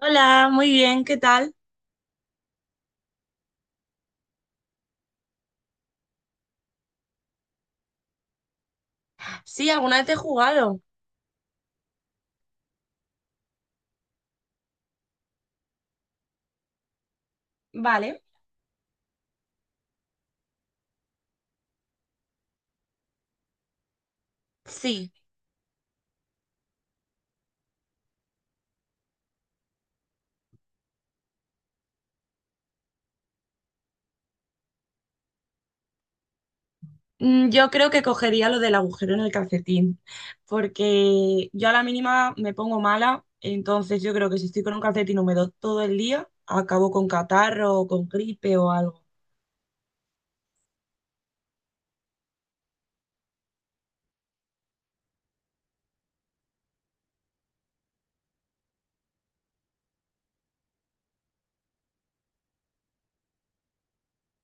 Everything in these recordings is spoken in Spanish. Hola, muy bien, ¿qué tal? Sí, alguna vez he jugado. Vale. Sí. Yo creo que cogería lo del agujero en el calcetín, porque yo a la mínima me pongo mala, entonces yo creo que si estoy con un calcetín húmedo todo el día, acabo con catarro o con gripe o algo.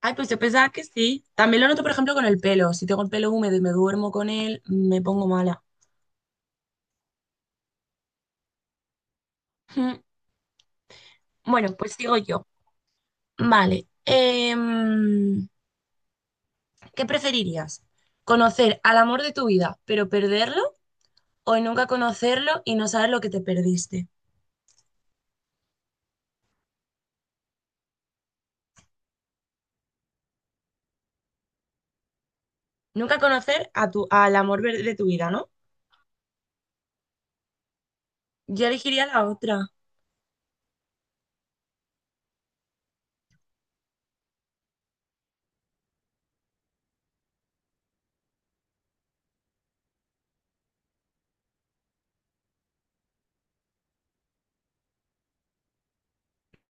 Ay, pues yo pensaba que sí. También lo noto, por ejemplo, con el pelo. Si tengo el pelo húmedo y me duermo con él, me pongo mala. Mm. Bueno, pues sigo yo. Vale. ¿Qué preferirías? ¿Conocer al amor de tu vida, pero perderlo? ¿O nunca conocerlo y no saber lo que te perdiste? Nunca conocer al amor de tu vida, ¿no? Yo elegiría la otra.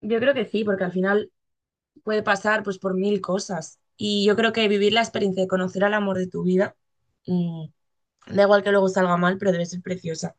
Yo creo que sí, porque al final puede pasar pues por mil cosas. Y yo creo que vivir la experiencia de conocer al amor de tu vida, mm, da igual que luego salga mal, pero debe ser preciosa.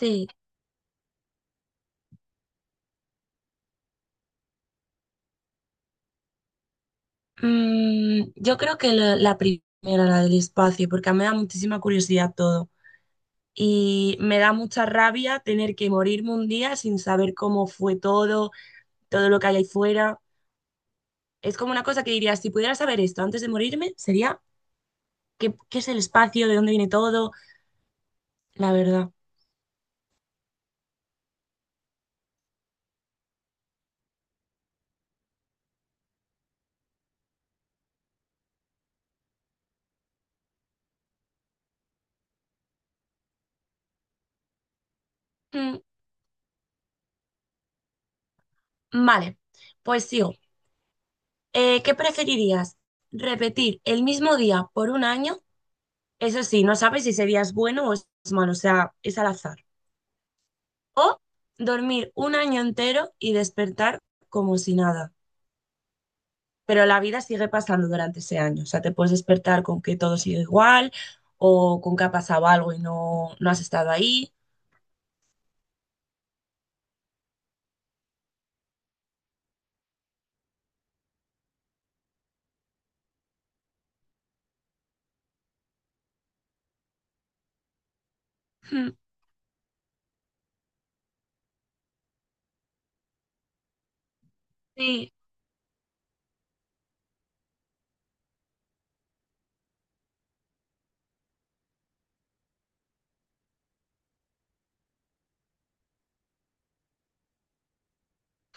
Sí. Yo creo que la primera, la del espacio, porque a mí me da muchísima curiosidad todo. Y me da mucha rabia tener que morirme un día sin saber cómo fue todo, todo lo que hay ahí fuera. Es como una cosa que diría, si pudiera saber esto antes de morirme, sería qué es el espacio, de dónde viene todo, la verdad. Mm, vale, pues sigo. ¿Qué preferirías? ¿Repetir el mismo día por un año? Eso sí, no sabes si ese día es bueno o es malo, o sea, es al azar. O dormir un año entero y despertar como si nada, pero la vida sigue pasando durante ese año. O sea, te puedes despertar con que todo sigue igual o con que ha pasado algo y no, no has estado ahí. Hmm. Sí.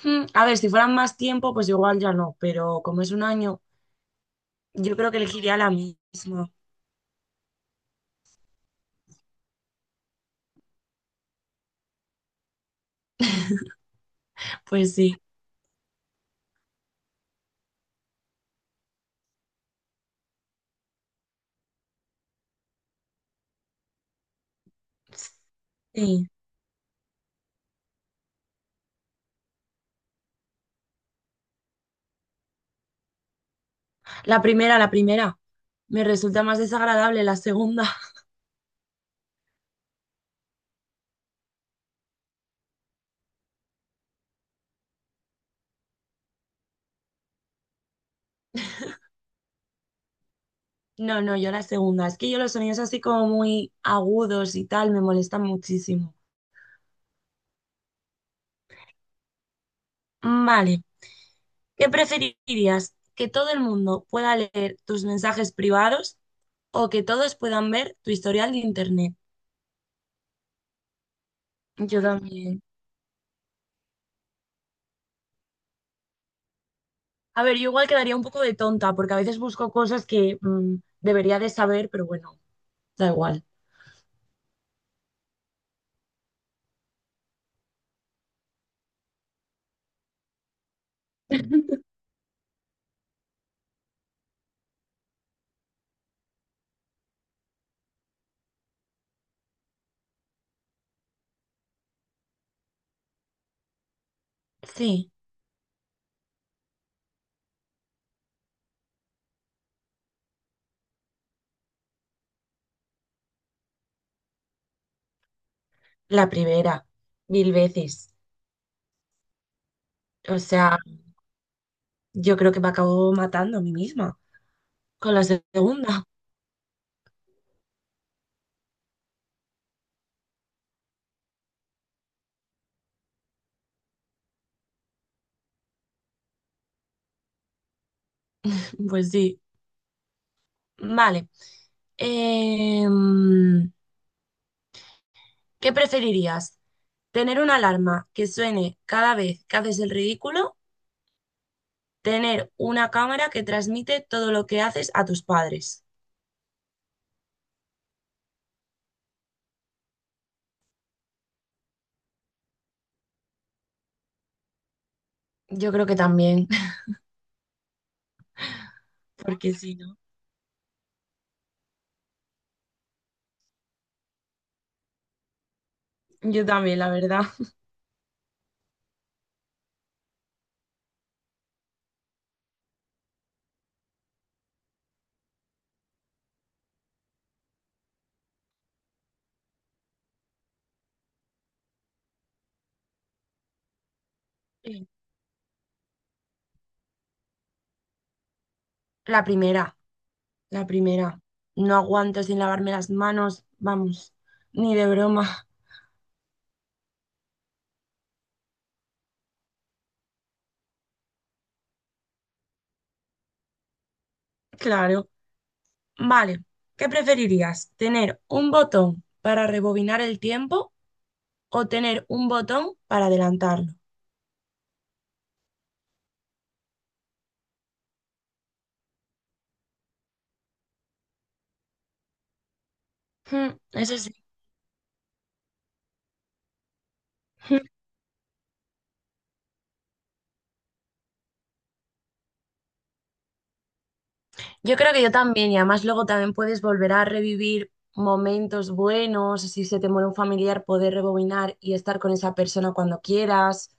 Hmm. A ver, si fueran más tiempo, pues igual ya no, pero como es un año, yo creo que elegiría la misma. Pues sí. Sí. La primera, la primera. Me resulta más desagradable la segunda. No, no, yo la segunda. Es que yo los sonidos así como muy agudos y tal me molestan muchísimo. Vale. ¿Qué preferirías? ¿Que todo el mundo pueda leer tus mensajes privados o que todos puedan ver tu historial de internet? Yo también. A ver, yo igual quedaría un poco de tonta porque a veces busco cosas que debería de saber, pero bueno, da igual. Sí, la primera, mil veces. O sea, yo creo que me acabo matando a mí misma con la segunda. Pues sí. Vale. Em, ¿Qué preferirías? ¿Tener una alarma que suene cada vez que haces el ridículo? ¿Tener una cámara que transmite todo lo que haces a tus padres? Yo creo que también, porque si no. Yo también, la verdad. Sí. La primera, la primera. No aguanto sin lavarme las manos, vamos, ni de broma. Claro. Vale, ¿qué preferirías? ¿Tener un botón para rebobinar el tiempo o tener un botón para adelantarlo? Hmm, eso sí. Yo creo que yo también, y además luego también puedes volver a revivir momentos buenos, si se te muere un familiar, poder rebobinar y estar con esa persona cuando quieras.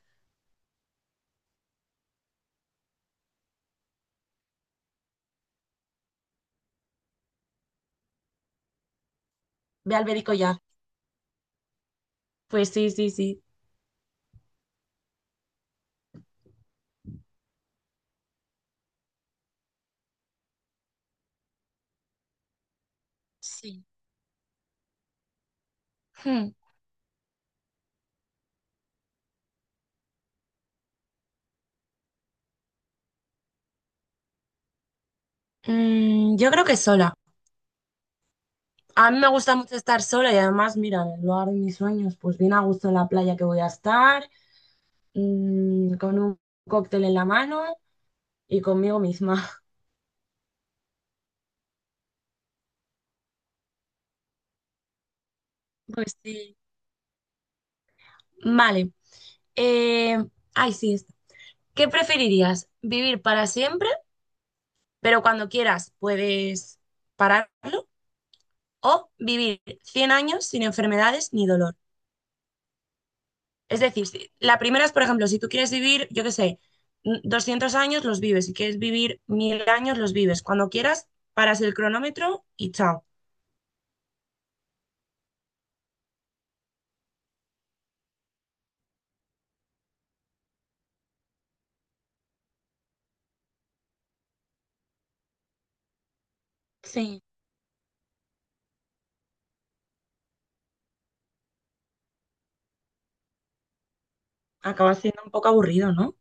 Ve al médico ya. Pues sí, sí, sí. Sí. Hmm. Yo creo que sola. A mí me gusta mucho estar sola y además, mira, en el lugar de mis sueños, pues bien a gusto en la playa que voy a estar, con un cóctel en la mano y conmigo misma. Pues sí. Vale. Eh, ay, sí. ¿Qué preferirías? ¿Vivir para siempre, pero cuando quieras puedes pararlo? ¿O vivir 100 años sin enfermedades ni dolor? Es decir, la primera es, por ejemplo, si tú quieres vivir, yo qué sé, 200 años, los vives. Si quieres vivir 1000 años, los vives. Cuando quieras, paras el cronómetro y chao. Sí. Acaba siendo un poco aburrido, ¿no?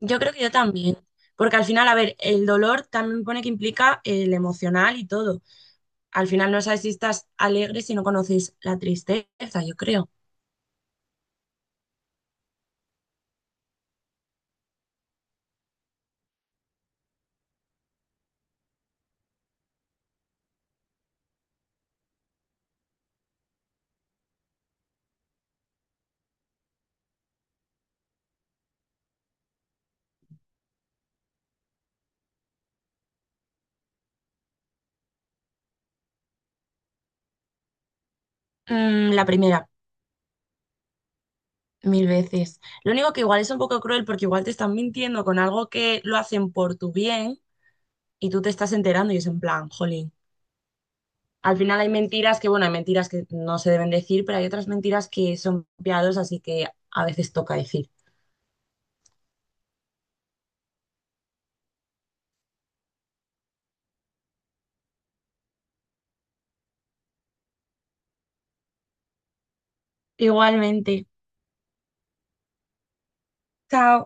Yo creo que yo también. Porque al final, a ver, el dolor también pone que implica el emocional y todo. Al final no sabes si estás alegre si no conoces la tristeza, yo creo. La primera, mil veces. Lo único que igual es un poco cruel porque igual te están mintiendo con algo que lo hacen por tu bien y tú te estás enterando y es en plan, jolín. Al final hay mentiras que, bueno, hay mentiras que no se deben decir, pero hay otras mentiras que son piadosas, así que a veces toca decir. Igualmente. Chao.